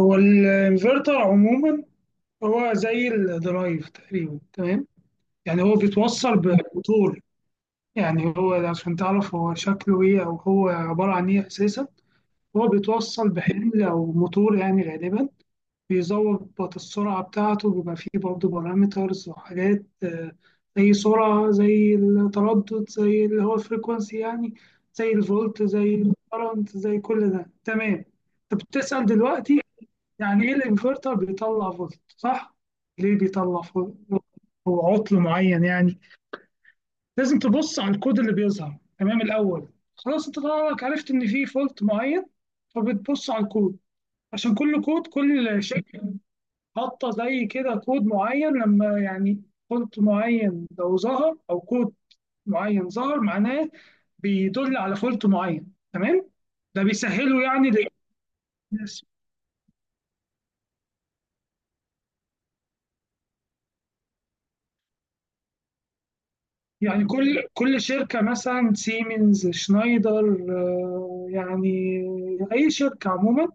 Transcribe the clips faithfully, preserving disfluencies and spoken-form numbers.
هو الانفرتر عموما، هو زي الدرايف تقريبا. تمام. يعني هو بيتوصل بموتور. يعني هو عشان تعرف هو شكله ايه او هو عبارة عن ايه اساسا، هو بيتوصل بحمل او موتور يعني غالبا، بيظبط السرعة بتاعته. بيبقى فيه برضه بارامترز وحاجات آه، زي سرعة، زي التردد، زي اللي هو الفريكونسي يعني، زي الفولت، زي الكرنت، زي كل ده. تمام. طب بتسأل دلوقتي، يعني ايه الانفرتر بيطلع فولت؟ صح. ليه بيطلع فولت؟ هو عطل معين يعني. لازم تبص على الكود اللي بيظهر. تمام. الاول خلاص انت طالعك عرفت ان في فولت معين، فبتبص على الكود. عشان كل كود، كل شركه حاطه زي كده كود معين، لما يعني فولت معين لو ظهر، او كود معين ظهر، معناه بيدل على فولت معين. تمام. ده بيسهله يعني للناس. يعني كل كل شركة، مثلا سيمنز، شنايدر، آه، يعني أي شركة عموما،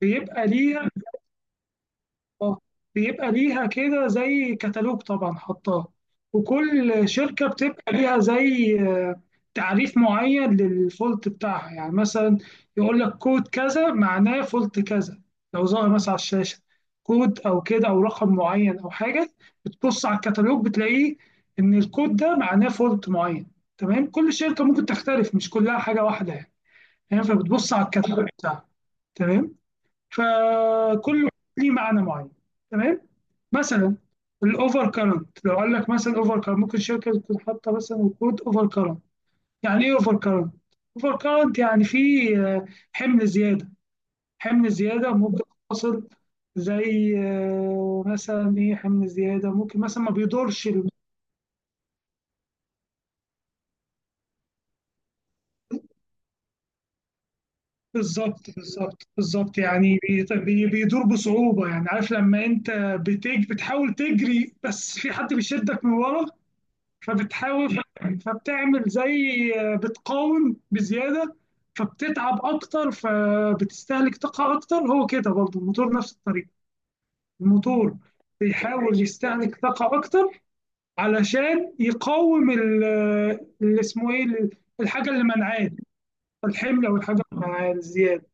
بيبقى ليها آه، بيبقى ليها كده زي كتالوج طبعا حطاه. وكل شركة بتبقى ليها زي آه، تعريف معين للفولت بتاعها. يعني مثلا يقول لك كود كذا معناه فولت كذا، لو ظهر مثلا على الشاشة كود أو كده أو رقم معين أو حاجة، بتبص على الكتالوج بتلاقيه إن الكود ده معناه فولت معين. تمام. كل شركة ممكن تختلف، مش كلها حاجة واحدة يعني. يعني فبتبص على الكتالوج بتاعها. تمام. فكل ليه معنى معين. تمام. مثلا الاوفر كارنت، لو قال لك مثلا اوفر كارنت، ممكن شركه تكون حاطه مثلا كود اوفر كارنت. يعني ايه اوفر كارنت؟ اوفر كارنت يعني في آه، حمل زياده. حمل زياده ممكن توصل، زي آه، مثلا ايه، حمل زياده ممكن مثلا ما بيدورش ال- بالظبط بالظبط بالظبط. يعني بيت- بي- بيدور بصعوبه. يعني عارف لما انت بتج بتحاول تجري بس في حد بيشدك من ورا، فبتحاول، فبتعمل زي آه، بتقاوم بزياده، فبتتعب اكتر، فبتستهلك طاقه اكتر. هو كده برضه الموتور نفس الطريقه، الموتور بيحاول يستهلك طاقه اكتر علشان يقاوم ال- آه، اللي اسمه ايه ال- الحاجه اللي منعاه، الحمل او الحاجه اللي منعاه الزياده.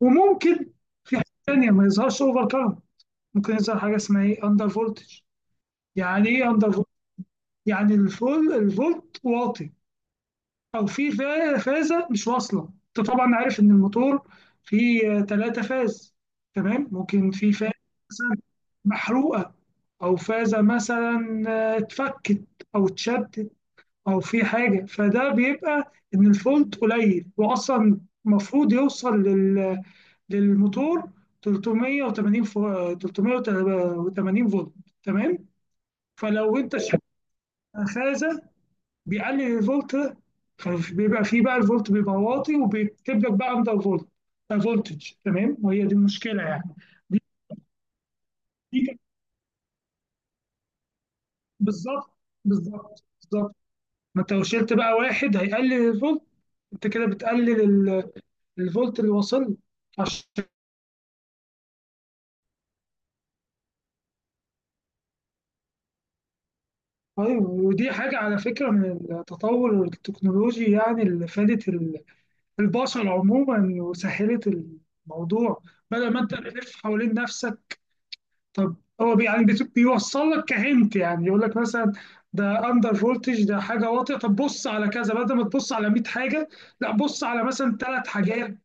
وممكن في حاجه ثانيه ما يظهرش اوفر كارنت، ممكن يظهر حاجه اسمها ايه، اندر فولتج. يعني ايه اندر فولتج؟ يعني الفول الفولت واطي، او في فا- فازه مش واصله. انت طبعا عارف ان الموتور فيه ثلاثه فاز. تمام. ممكن في فازه مثلا محروقه، او فازه مثلا آه، اتفكت او اتشدت، او في حاجه. فده بيبقى ان الفولت قليل. واصلا المفروض يوصل لل... للموتور ثلاثمية وتمانين فو... ثلاثمية وتمانين فولت. تمام. فلو انت شلت فازه، بيقلل الفولت، فبيبقى فيه بقى الفولت بيبقى واطي، وبيكتب لك بقى اندر فولت، فولتج. تمام. وهي دي المشكله يعني. دي دي كانت- بالظبط بالظبط بالظبط. ما انت لو شلت بقى واحد، هيقلل الفولت. انت كده بتقلل ال- الفولت اللي واصل له. عشان طيب، ودي حاجه على فكره من التطور التكنولوجي. يعني اللي فادت ال- البشر عموما، وسهلت الموضوع، بدل ما انت تلف حوالين نفسك. طب هو بي- يعني بت- بيوصل لك كهنت. يعني يقول لك مثلا ده اندر فولتج، ده حاجه واطيه، طب بص على كذا، بدل ما تبص على مية حاجه، لا بص على مثلا ثلاث حاجات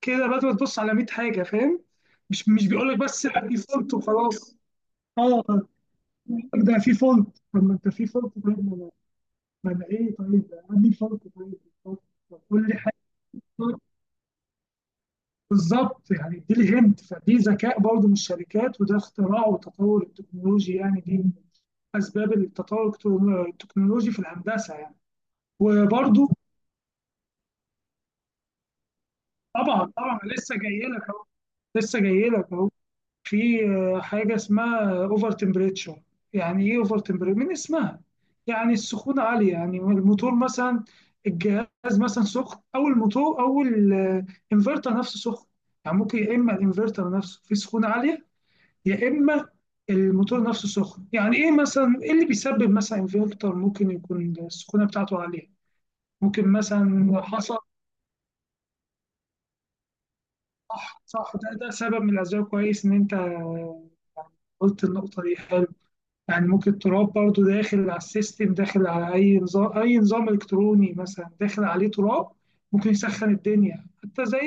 كده، بدل ما تبص على مية حاجه. فاهم؟ مش مش بيقول لك بس لا، في فولت وخلاص. اه، ده في فولت. طب ما انت في فولت؟ طيب ما انا، ما انا ايه؟ طيب عندي فولت. طيب. طب، طب قول لي حاجه. بالظبط. يعني دي لي هنت، فدي ذكاء برضه من الشركات، وده اختراع وتطور التكنولوجي يعني. دي اسباب التطور التو- التكنولوجي في الهندسه يعني. وبرضو طبعا طبعا، لسه جاي لك اهو، لسه جاي لك اهو. في آه، حاجه اسمها اوفر تمبريتشر. يعني ايه اوفر تمبريتشر؟ من اسمها، يعني السخونه عاليه. يعني الموتور مثلا، الجهاز مثلا سخن، او الموتور او الانفرتر نفسه سخن. يعني ممكن يا اما الانفرتر نفسه فيه سخونه عاليه، يا اما الموتور نفسه سخن. يعني ايه مثلا، ايه اللي بيسبب مثلا انفرتر ممكن يكون السخونه بتاعته عاليه؟ ممكن مثلا حصل. صح، ده ده سبب من الأسباب. كويس إن أنت قلت النقطة دي. حلو. يعني ممكن التراب برضو داخل على السيستم، داخل على أي نظام، أي نظام إلكتروني مثلا داخل عليه تراب، ممكن يسخن الدنيا. حتى زي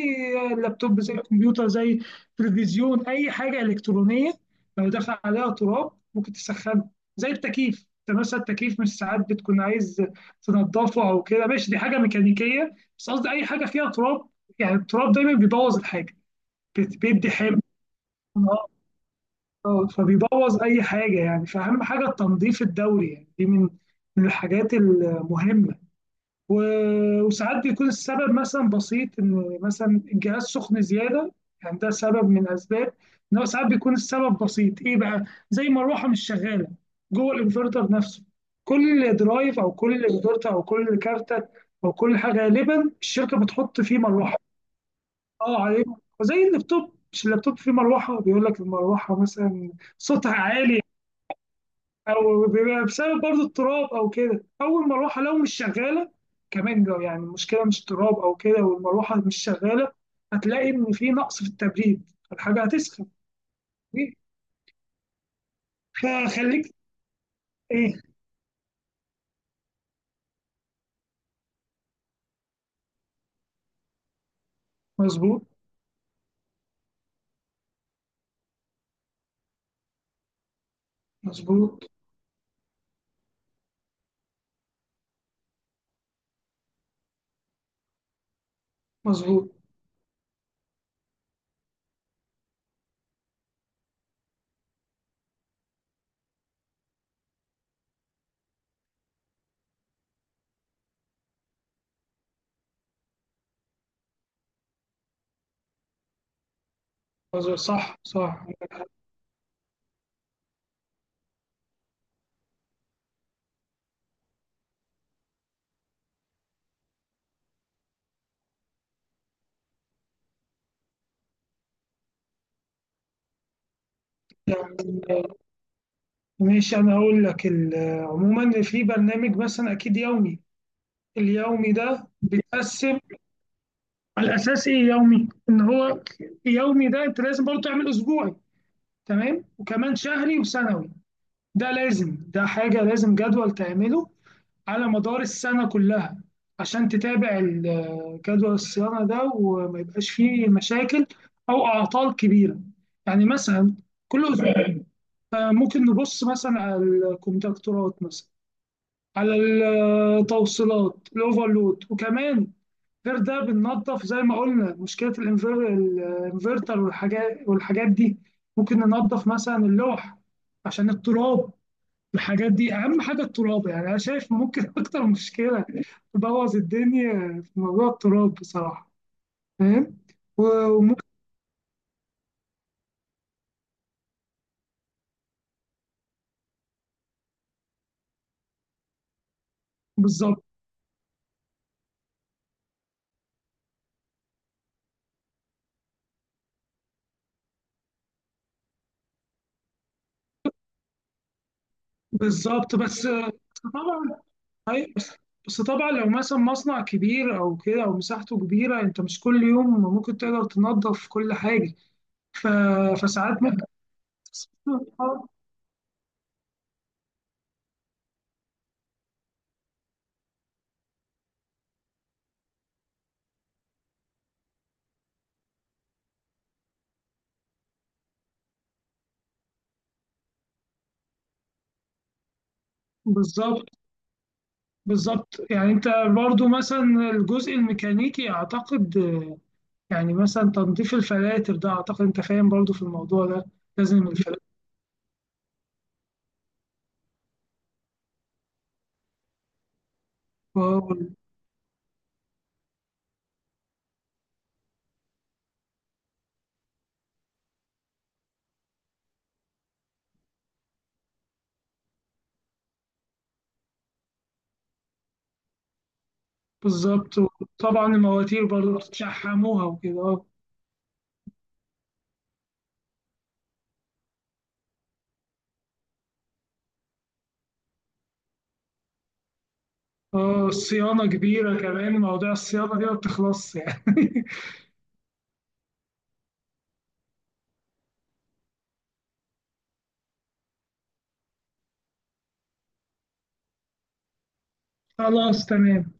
اللابتوب، زي الكمبيوتر، زي التلفزيون، أي حاجة إلكترونية لو دخل عليها تراب ممكن تسخنه. زي التكييف، انت مثلا التكييف مش ساعات بتكون عايز تنضفه او كده؟ ماشي، دي حاجه ميكانيكيه، بس قصدي اي حاجه فيها تراب، يعني التراب دايما بيبوظ الحاجه، بت- بيدي حمض. اه، فبيبوظ اي حاجه يعني. فاهم؟ حاجه التنظيف الدوري يعني دي من من الحاجات المهمه. و- وساعات بيكون السبب مثلا بسيط، ان مثلا الجهاز سخن زياده. يعني ده سبب من اسباب ان هو ساعات بيكون السبب بسيط. ايه بقى؟ زي مروحه مش شغاله جوه الانفرتر نفسه. كل درايف او كل انفرتر او كل كارته او كل حاجه، غالبا الشركه بتحط فيه مروحه. اه، عليه. زي اللابتوب، مش اللابتوب فيه مروحه بيقول لك المروحه مثلا صوتها عالي، او بيبقى بسبب برضو التراب او كده، او المروحه لو مش شغاله. كمان لو يعني المشكله مش تراب او كده، والمروحه مش شغاله، هتلاقي ان في نقص في التبريد، الحاجه هتسخن. فخليك. ايه. مظبوط مظبوط مظبوط. مظبوط. صح صح. يعني ماشي، انا هقول لك ال- عموما في برنامج مثلا اكيد يومي. اليومي ده بيتقسم على اساس ايه؟ يومي، ان هو يومي ده انت لازم برضو تعمل اسبوعي. تمام. وكمان شهري وسنوي. ده لازم، ده حاجة لازم جدول تعمله على مدار السنة كلها، عشان تتابع ال- جدول الصيانة ده، وما يبقاش فيه مشاكل أو أعطال كبيرة. يعني مثلا كل أسبوع آه، ممكن نبص مثلا على الكونتاكتورات، مثلا على التوصيلات، الأوفرلود، وكمان غير ده بننظف زي ما قلنا، مشكلة الانفر الانفرتر والحاجات، والحاجات دي. ممكن ننظف مثلا اللوح عشان التراب. الحاجات دي أهم حاجة التراب. يعني أنا شايف ممكن أكتر مشكلة تبوظ الدنيا في موضوع التراب بصراحة. فاهم؟ و- وممكن، بالظبط بالظبط. بس بس طبعا، أي- بس بس طبعا، لو مثلا مصنع كبير أو كده أو مساحته كبيرة، أنت مش كل يوم ممكن تقدر تنظف كل حاجة. ف... فساعات ممكن بالظبط بالظبط. يعني انت برضو مثلا الجزء الميكانيكي اعتقد، يعني مثلا تنظيف الفلاتر ده، اعتقد انت فاهم برضو في الموضوع ده. لازم الفلاتر وال- بالظبط. وطبعا المواتير برضو بتشحموها وكده. اه، آه، الصيانة كبيرة. كمان موضوع الصيانة دي ما بتخلصش يعني خلاص. تمام.